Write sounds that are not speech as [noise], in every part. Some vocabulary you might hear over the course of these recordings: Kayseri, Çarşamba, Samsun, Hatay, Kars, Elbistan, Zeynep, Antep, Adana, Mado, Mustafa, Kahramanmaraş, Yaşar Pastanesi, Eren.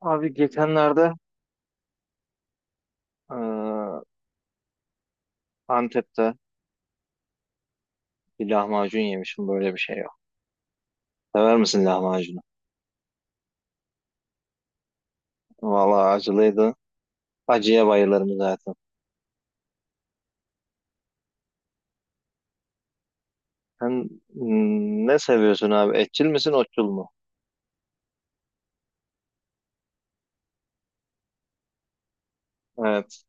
Abi geçenlerde eee, Antep'te bir lahmacun yemişim, böyle bir şey yok. Sever misin lahmacunu? Vallahi acılıydı. Acıya bayılırım zaten. Sen ne seviyorsun abi? Etçil misin, otçul mu? Evet.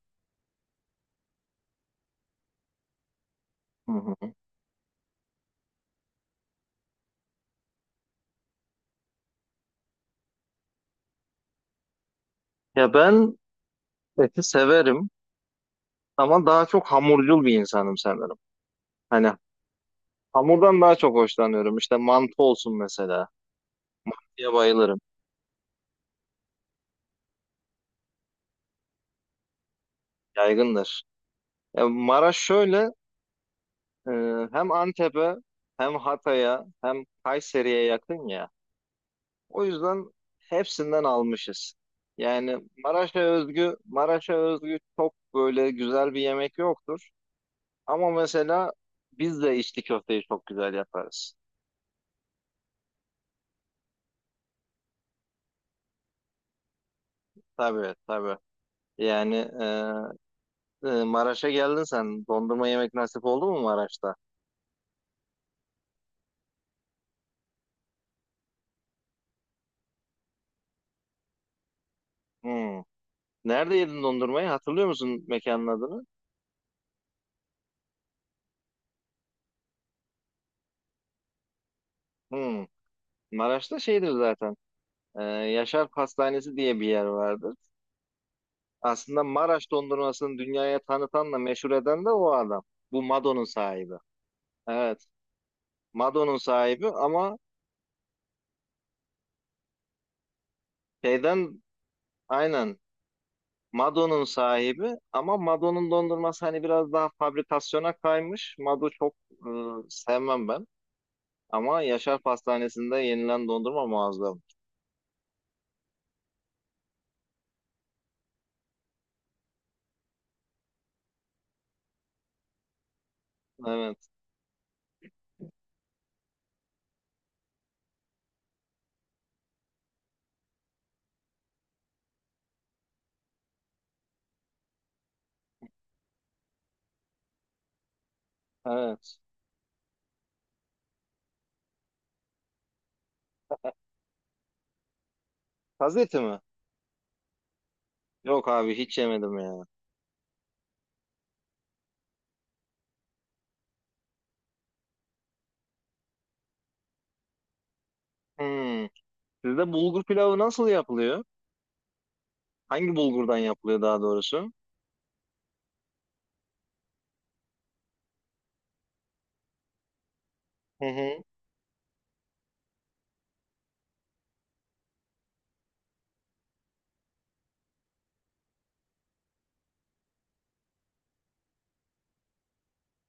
Hı hı. Ya ben eti severim ama daha çok hamurcul bir insanım sanırım. Hani hamurdan daha çok hoşlanıyorum. İşte mantı olsun mesela. Ya bayılırım. Yaygındır. Ya Maraş şöyle, hem Antep'e hem Hatay'a hem Kayseri'ye yakın ya. O yüzden hepsinden almışız. Yani Maraş'a özgü, Maraş'a özgü çok böyle güzel bir yemek yoktur. Ama mesela biz de içli köfteyi çok güzel yaparız. Tabii tabii. Yani Maraş'a geldin sen. Dondurma yemek nasip oldu mu Maraş'ta? Hmm. Nerede yedin dondurmayı? Hatırlıyor musun mekanın adını? Hmm. Maraş'ta şeydir zaten. Yaşar Pastanesi diye bir yer vardır. Aslında Maraş dondurmasını dünyaya tanıtanla meşhur eden de o adam. Bu Mado'nun sahibi. Evet, Mado'nun sahibi ama şeyden, aynen, Mado'nun sahibi ama Mado'nun dondurması hani biraz daha fabrikasyona kaymış. Mado çok sevmem ben. Ama Yaşar Pastanesi'nde yenilen dondurma muazzam. Evet, evet. Gazete mi? Yok abi hiç yemedim ya. Hmm. Sizde bulgur pilavı nasıl yapılıyor? Hangi bulgurdan yapılıyor daha doğrusu? Hı hı.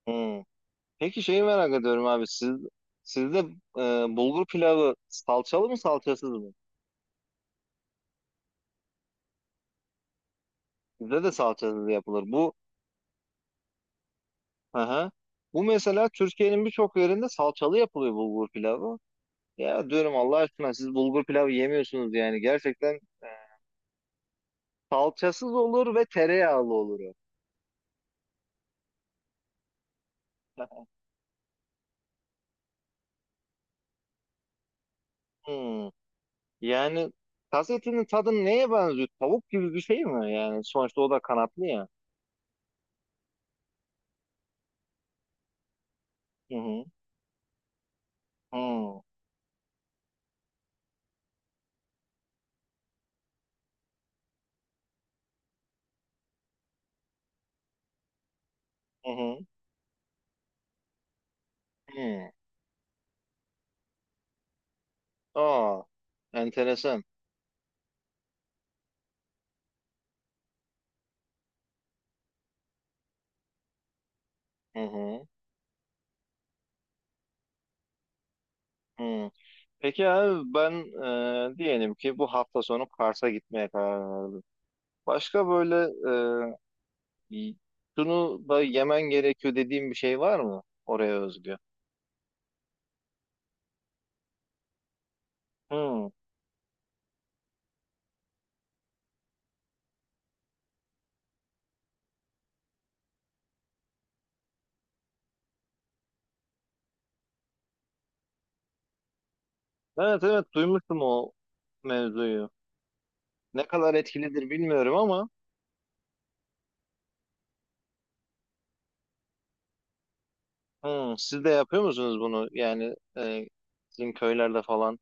Hmm. Peki şeyi merak ediyorum abi. Siz, sizde, e, bulgur pilavı salçalı mı salçasız mı? Bizde de salçasız yapılır. Bu, hı hı. Bu mesela Türkiye'nin birçok yerinde salçalı yapılıyor bulgur pilavı. Ya diyorum Allah aşkına siz bulgur pilavı yemiyorsunuz yani. Gerçekten e, salçasız olur ve tereyağlı olur. o. Hmm. Yani kas etinin tadı neye benziyor? Tavuk gibi bir şey mi? Yani sonuçta o da kanatlı ya. Hı hı. Hmm. Hı hı. Hı. Aa, enteresan. Hı hı. Hı. Peki abi ben, diyelim ki bu hafta sonu Kars'a gitmeye karar verdim. Başka böyle e, y- şunu da yemen gerekiyor dediğim bir şey var mı oraya özgü? Hı. Evet evet, duymuştum o mevzuyu. Ne kadar etkilidir bilmiyorum ama, hı, siz de yapıyor musunuz bunu? Yani sizin köylerde falan.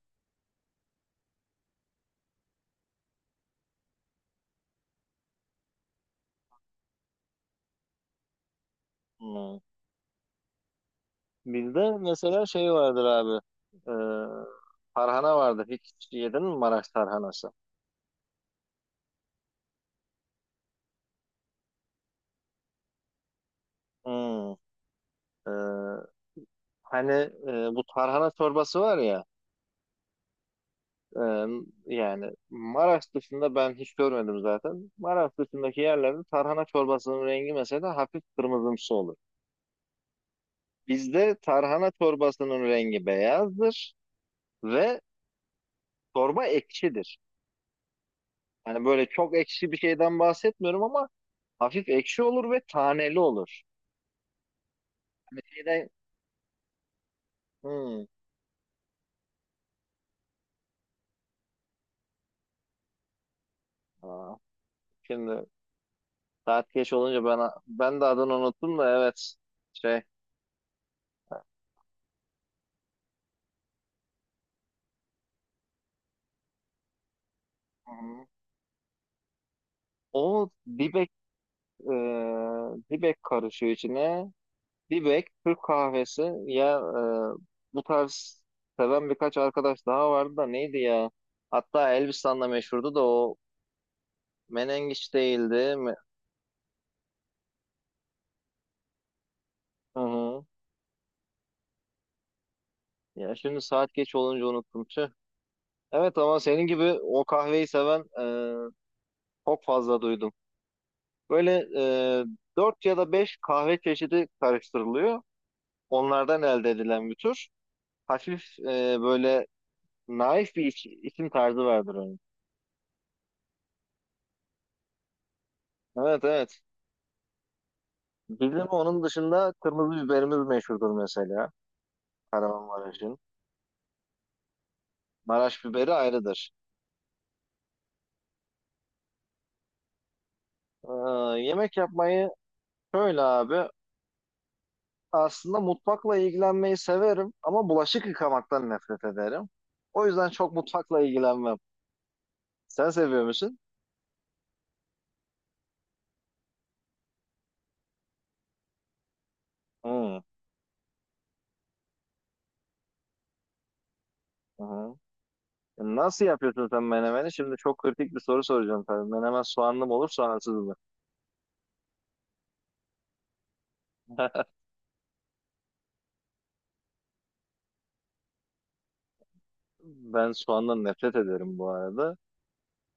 Hı. Bizde mesela şey vardır abi. E, tarhana vardır. Hiç yedin mi Maraş tarhanası? Hmm. E, hani bu tarhana çorbası var ya. e, Yani Maraş dışında ben hiç görmedim zaten. Maraş dışındaki yerlerde tarhana çorbasının rengi mesela hafif kırmızımsı olur. Bizde tarhana çorbasının rengi beyazdır ve çorba ekşidir. Hani böyle çok ekşi bir şeyden bahsetmiyorum ama hafif ekşi olur ve taneli olur. Hani şeyden. Hmm. Aa, şimdi saat geç olunca ben de adını unuttum da, evet, şey, hı o dibek, e, dibek karışıyor içine, dibek Türk kahvesi ya, bu tarz seven birkaç arkadaş daha vardı da, neydi ya, hatta Elbistan'da meşhurdu da, o menengiç değildi mi? Hı hı. Ya şimdi saat geç olunca unuttum, tüh. Evet ama senin gibi o kahveyi seven, çok fazla duydum. Böyle e, 4 ya da 5 kahve çeşidi karıştırılıyor. Onlardan elde edilen bir tür. Hafif, böyle naif bir içim tarzı vardır onun. Evet evet. Bizim onun dışında kırmızı biberimiz meşhurdur mesela. Kahramanmaraş'ın. Maraş biberi ayrıdır. Ee, yemek yapmayı, şöyle abi. Aslında mutfakla ilgilenmeyi severim ama bulaşık yıkamaktan nefret ederim. O yüzden çok mutfakla ilgilenmem. Sen seviyor musun? Hı, hı. Nasıl yapıyorsun sen menemeni? Şimdi çok kritik bir soru soracağım tabii. Menemen soğanlı mı olur, soğansız mı? [laughs] Ben soğandan nefret ederim bu arada.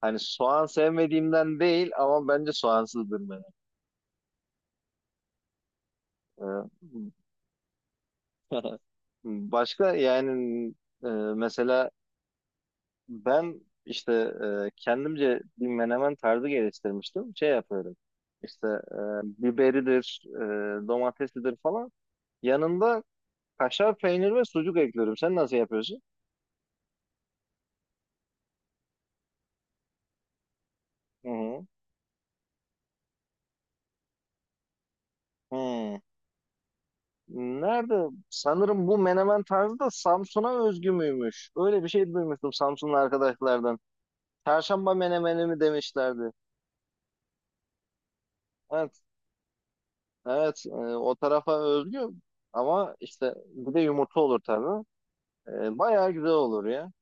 Hani soğan sevmediğimden değil ama bence soğansızdır menemen. Ee, başka, yani, mesela ben, işte, kendimce bir menemen tarzı geliştirmiştim. Şey yapıyorum. İşte biberidir, domatesidir falan. Yanında kaşar peynir ve sucuk ekliyorum. Sen nasıl yapıyorsun? Hı hı. Hı. Nerede? Sanırım bu menemen tarzı da Samsun'a özgü müymüş? Öyle bir şey duymuştum Samsunlu arkadaşlardan. Çarşamba menemeni mi demişlerdi. Evet, evet. O tarafa özgü, ama işte bir de yumurta olur tabii. Bayağı güzel olur ya.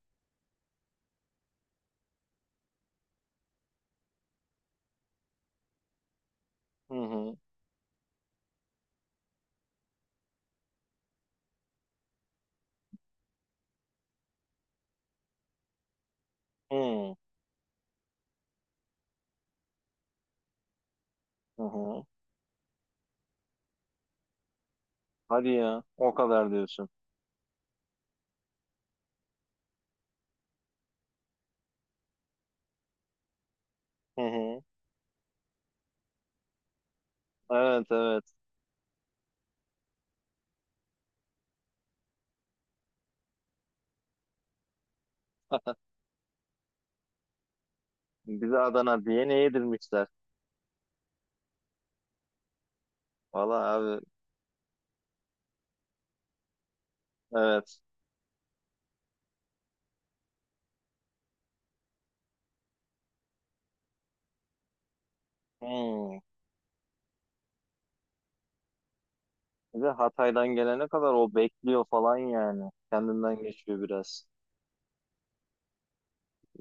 Hı hı. Hı hı. Hı. Hadi ya. O kadar diyorsun. Hı hı. Evet, evet. Bize Adana diye ne yedirmişler? Valla abi. Evet. Hı. Bir de Hatay'dan gelene kadar o bekliyor falan yani. Kendinden geçiyor biraz.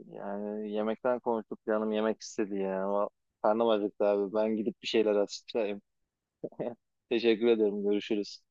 Yani yemekten konuştuk, canım yemek istedi ya. Ama karnım acıktı abi. Ben gidip bir şeyler atıştırayım. [laughs] Teşekkür ederim. Görüşürüz.